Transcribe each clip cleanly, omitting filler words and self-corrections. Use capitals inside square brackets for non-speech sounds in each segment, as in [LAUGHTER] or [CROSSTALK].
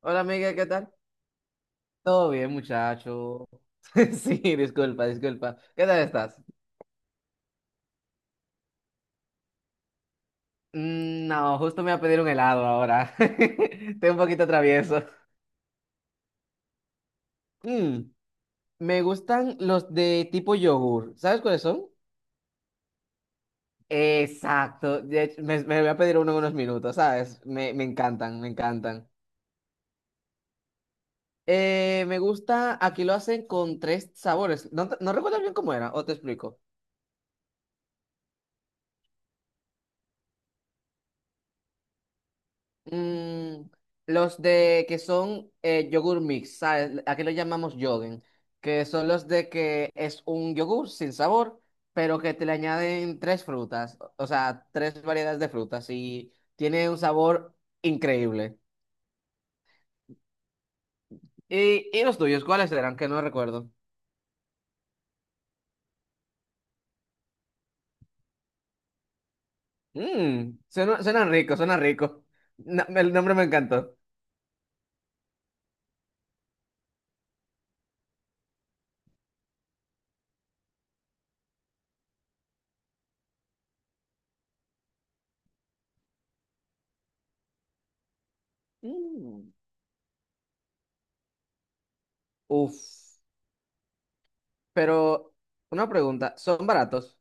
Hola amiga, ¿qué tal? Todo bien, muchacho. [LAUGHS] Sí, disculpa, disculpa. ¿Qué tal estás? Mm, no, justo me voy a pedir un helado ahora. [LAUGHS] Estoy un poquito travieso. Mm, Me gustan los de tipo yogur. ¿Sabes cuáles son? Exacto. De hecho, me voy a pedir uno en unos minutos, ¿sabes? Me encantan, me encantan. Me gusta, aquí lo hacen con tres sabores. No, no recuerdo bien cómo era, o te explico. Mm, los de que son yogur mix, ¿sabes? Aquí lo llamamos yogen, que son los de que es un yogur sin sabor, pero que te le añaden tres frutas, o sea, tres variedades de frutas y tiene un sabor increíble. ¿Y, los tuyos, cuáles eran? Que no recuerdo. Suena, suena rico, suena rico. El nombre me encantó. Mm. Uf, pero una pregunta, ¿son baratos?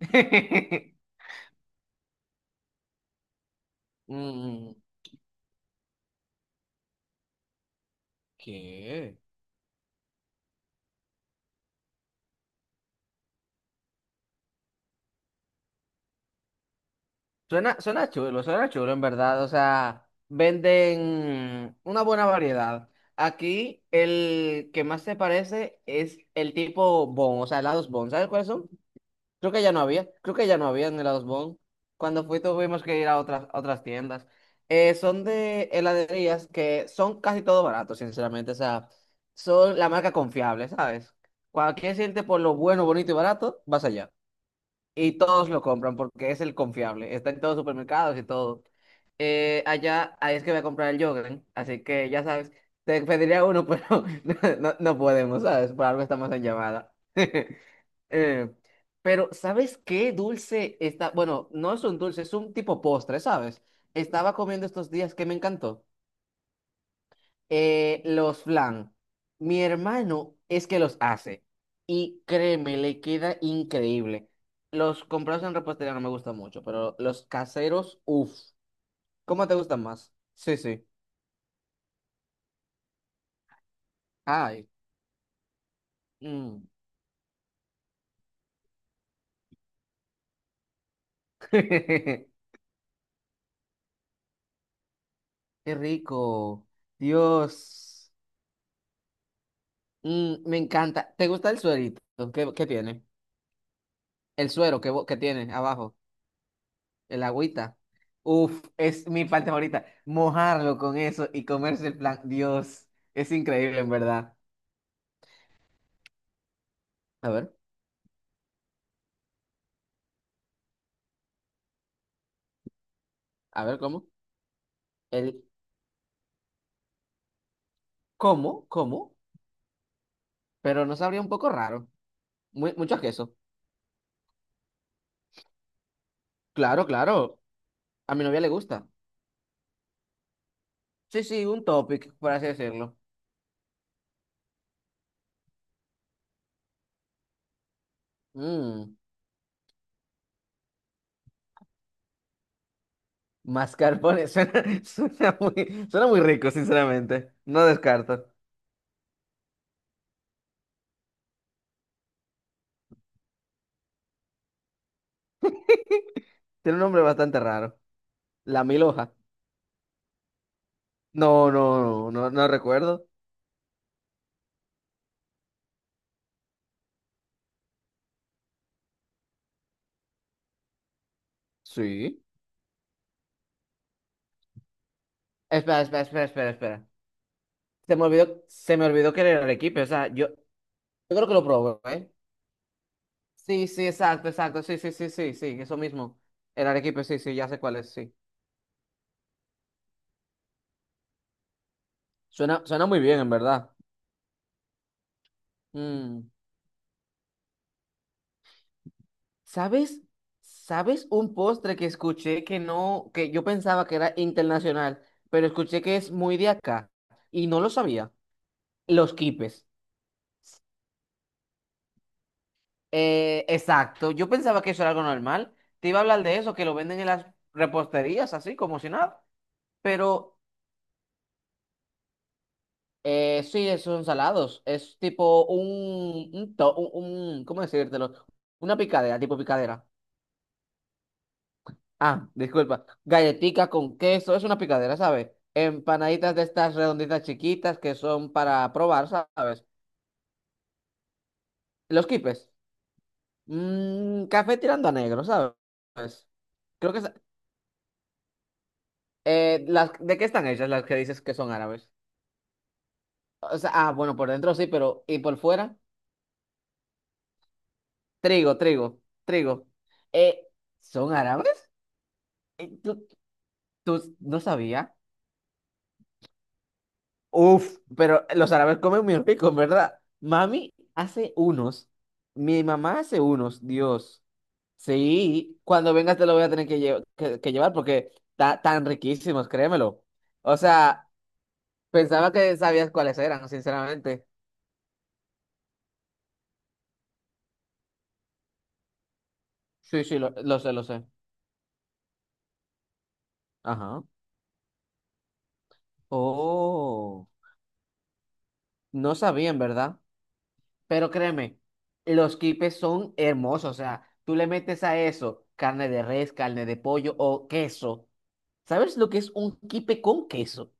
[LAUGHS] Mm. ¿Qué? Suena, suena chulo en verdad. O sea, venden una buena variedad. Aquí el que más se parece es el tipo Bon, o sea, helados Bon. ¿Sabes cuáles son? Creo que ya no había, creo que ya no había en helados Bon. Cuando fui tuvimos que ir a otras tiendas. Son de heladerías que son casi todo barato, sinceramente. O sea, son la marca confiable, ¿sabes? Cuando quieres irte por lo bueno, bonito y barato, vas allá. Y todos lo compran porque es el confiable. Está en todos los supermercados y todo. Allá, ahí es que voy a comprar el yogurt. Así que ya sabes, te pediría uno, [LAUGHS] pero no, no podemos, ¿sabes? Por algo estamos en llamada. [LAUGHS] Eh, pero, ¿sabes qué dulce está? Bueno, no es un dulce, es un tipo postre, ¿sabes? Estaba comiendo estos días que me encantó. Los flan. Mi hermano es que los hace. Y créeme, le queda increíble. Los comprados en repostería no me gustan mucho, pero los caseros, uff. ¿Cómo te gustan más? Sí, sí. Ay. Mm. [LAUGHS] Qué rico. Dios. Mm, me encanta. ¿Te gusta el suerito? ¿Qué, qué tiene? El suero que, que tiene abajo. El agüita. Uf, es mi parte favorita. Mojarlo con eso y comerse el plan. Dios, es increíble en verdad. A ver, a ver cómo. El cómo, cómo, pero no sabría un poco raro. Muy, mucho queso. Claro, claro. A mi novia le gusta. Sí, sí, un topic, por así decirlo. Mmm, mascarpone. [LAUGHS] Suena, suena muy rico, sinceramente. No descarto. Tiene un nombre bastante raro. La mil hoja. No, no, no, no, no recuerdo. Sí. Espera, espera, espera, espera, espera. Se me olvidó que era el equipo. O sea, yo creo que lo probé, ¿eh? Sí, sí, exacto, exacto. Sí, sí, sí, sí, sí, eso mismo. El Arequipe, sí, sí, ya sé cuál es, sí. Suena, suena muy bien, en verdad. Mm, ¿sabes? ¿Sabes un postre que escuché que no, que yo pensaba que era internacional, pero escuché que es muy de acá y no lo sabía? Los quipes. Exacto. Yo pensaba que eso era algo normal. Te iba a hablar de eso, que lo venden en las reposterías, así como si nada. Pero sí, esos son salados. Es tipo un, un, ¿cómo decírtelo? Una picadera, tipo picadera. Ah, disculpa. Galletica con queso, es una picadera, ¿sabes? Empanaditas de estas redonditas chiquitas que son para probar, ¿sabes? Los quipes. Mm, café tirando a negro, ¿sabes? Creo que es- las, ¿de qué están hechas las que dices que son árabes? O sea, ah, bueno, por dentro sí, pero ¿y por fuera? Trigo, trigo, trigo. Eh, ¿Son árabes? ¿Tú, tú no sabías? Uf, pero los árabes comen muy rico, en ¿verdad? Mami hace unos. Mi mamá hace unos, Dios. Sí, cuando vengas te lo voy a tener que, que llevar porque tan riquísimos, créemelo. O sea, pensaba que sabías cuáles eran, sinceramente. Sí, sí, lo sé, lo sé. Ajá. Oh, no sabían, ¿verdad? Pero créeme, los quipes son hermosos. O sea, tú le metes a eso carne de res, carne de pollo o queso. ¿Sabes lo que es un quipe con queso?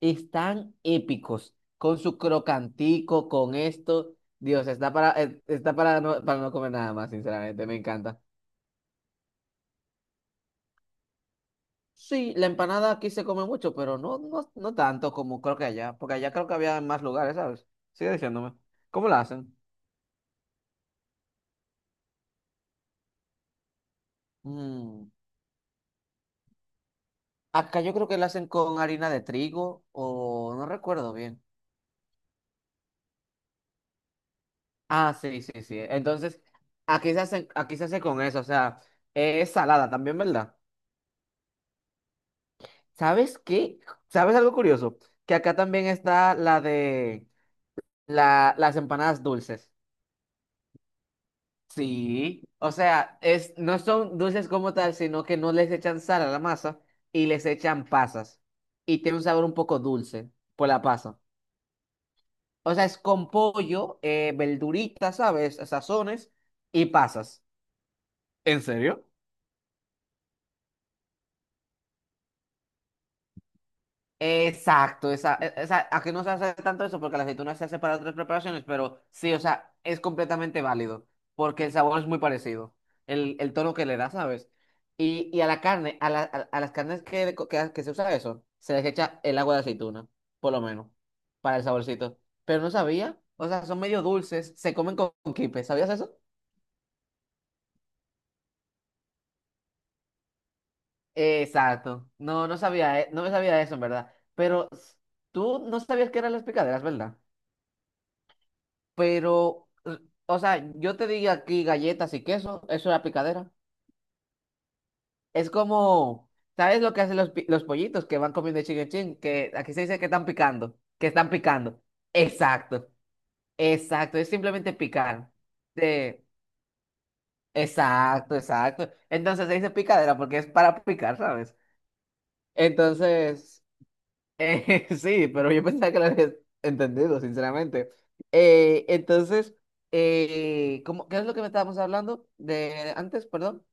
Están épicos. Con su crocantico, con esto. Dios, está para, está para no comer nada más, sinceramente. Me encanta. Sí, la empanada aquí se come mucho, pero no, no, no tanto como creo que allá. Porque allá creo que había en más lugares, ¿sabes? Sigue diciéndome. ¿Cómo la hacen? Mm. Acá yo creo que la hacen con harina de trigo o no recuerdo bien. Ah, sí, sí, sí. Entonces, aquí se hacen, aquí se hace con eso, o sea, es salada también, ¿verdad? ¿Sabes qué? ¿Sabes algo curioso? Que acá también está la de las empanadas dulces. Sí, o sea, es, no son dulces como tal, sino que no les echan sal a la masa y les echan pasas. Y tiene un sabor un poco dulce por la pasa. O sea, es con pollo, verduritas, ¿sabes? Sazones y pasas. ¿En serio? Exacto, esa, esa, a que no se hace tanto eso porque la aceituna se hace para otras preparaciones, pero sí, o sea, es completamente válido porque el sabor es muy parecido, el tono que le da, ¿sabes? Y a la carne, a las carnes que, que se usa eso, se les echa el agua de aceituna, por lo menos, para el saborcito. Pero no sabía, o sea, son medio dulces, se comen con quipe, ¿sabías eso? Exacto. No, no sabía, no me sabía eso, en verdad. Pero tú no sabías que eran las picaderas, ¿verdad? Pero, o sea, yo te digo aquí galletas y queso, eso era picadera. Es como, ¿sabes lo que hacen los, los pollitos que van comiendo chin en chin? Que aquí se dice que están picando, que están picando. Exacto, exacto. Es simplemente picar. De, exacto, exacto. Entonces se dice picadera porque es para picar, ¿sabes? Entonces. [LAUGHS] Sí, pero yo pensaba que lo habías entendido, sinceramente. Entonces, ¿cómo- qué es lo que me estábamos hablando de antes? Perdón.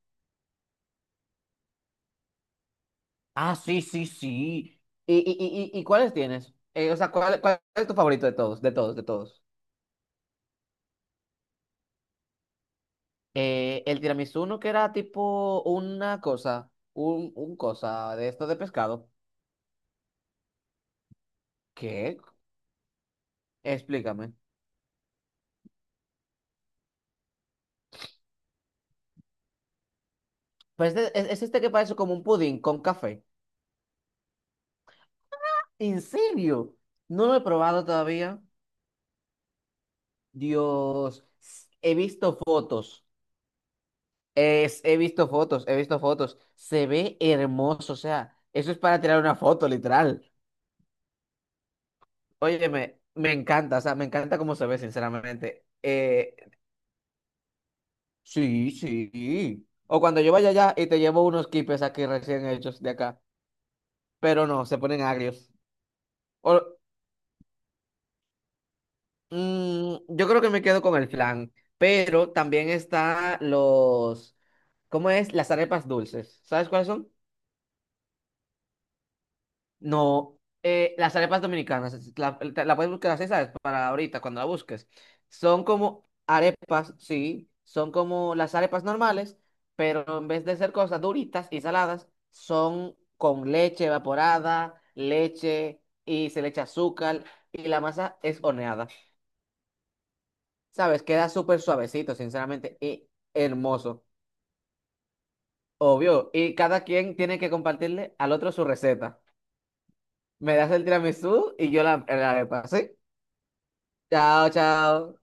Ah, sí, sí, sí. ¿Y, y cuáles tienes? O sea, ¿cuál, cuál es tu favorito de todos? De todos, de todos. El tiramisú no que era tipo una cosa, un cosa de esto de pescado. ¿Qué? Explícame. Pues es este que parece como un pudín con café. ¿En serio? No lo he probado todavía. Dios, he visto fotos, es, he visto fotos, se ve hermoso, o sea, eso es para tirar una foto, literal. Óyeme, me encanta, o sea, me encanta cómo se ve, sinceramente. Sí, sí. O cuando yo vaya allá y te llevo unos quipes aquí recién hechos de acá, pero no, se ponen agrios. O- mm, yo creo que me quedo con el flan, pero también está los, ¿cómo es? Las arepas dulces, ¿sabes cuáles son? No, las arepas dominicanas, la puedes buscar así, ¿sabes? Para ahorita, cuando la busques. Son como arepas, sí, son como las arepas normales, pero en vez de ser cosas duritas y saladas, son con leche evaporada, leche y se le echa azúcar y la masa es horneada, ¿sabes? Queda súper suavecito, sinceramente, y hermoso, obvio. Y cada quien tiene que compartirle al otro su receta. Me das el tiramisú y yo la, la arepa, ¿sí? Chao, chao.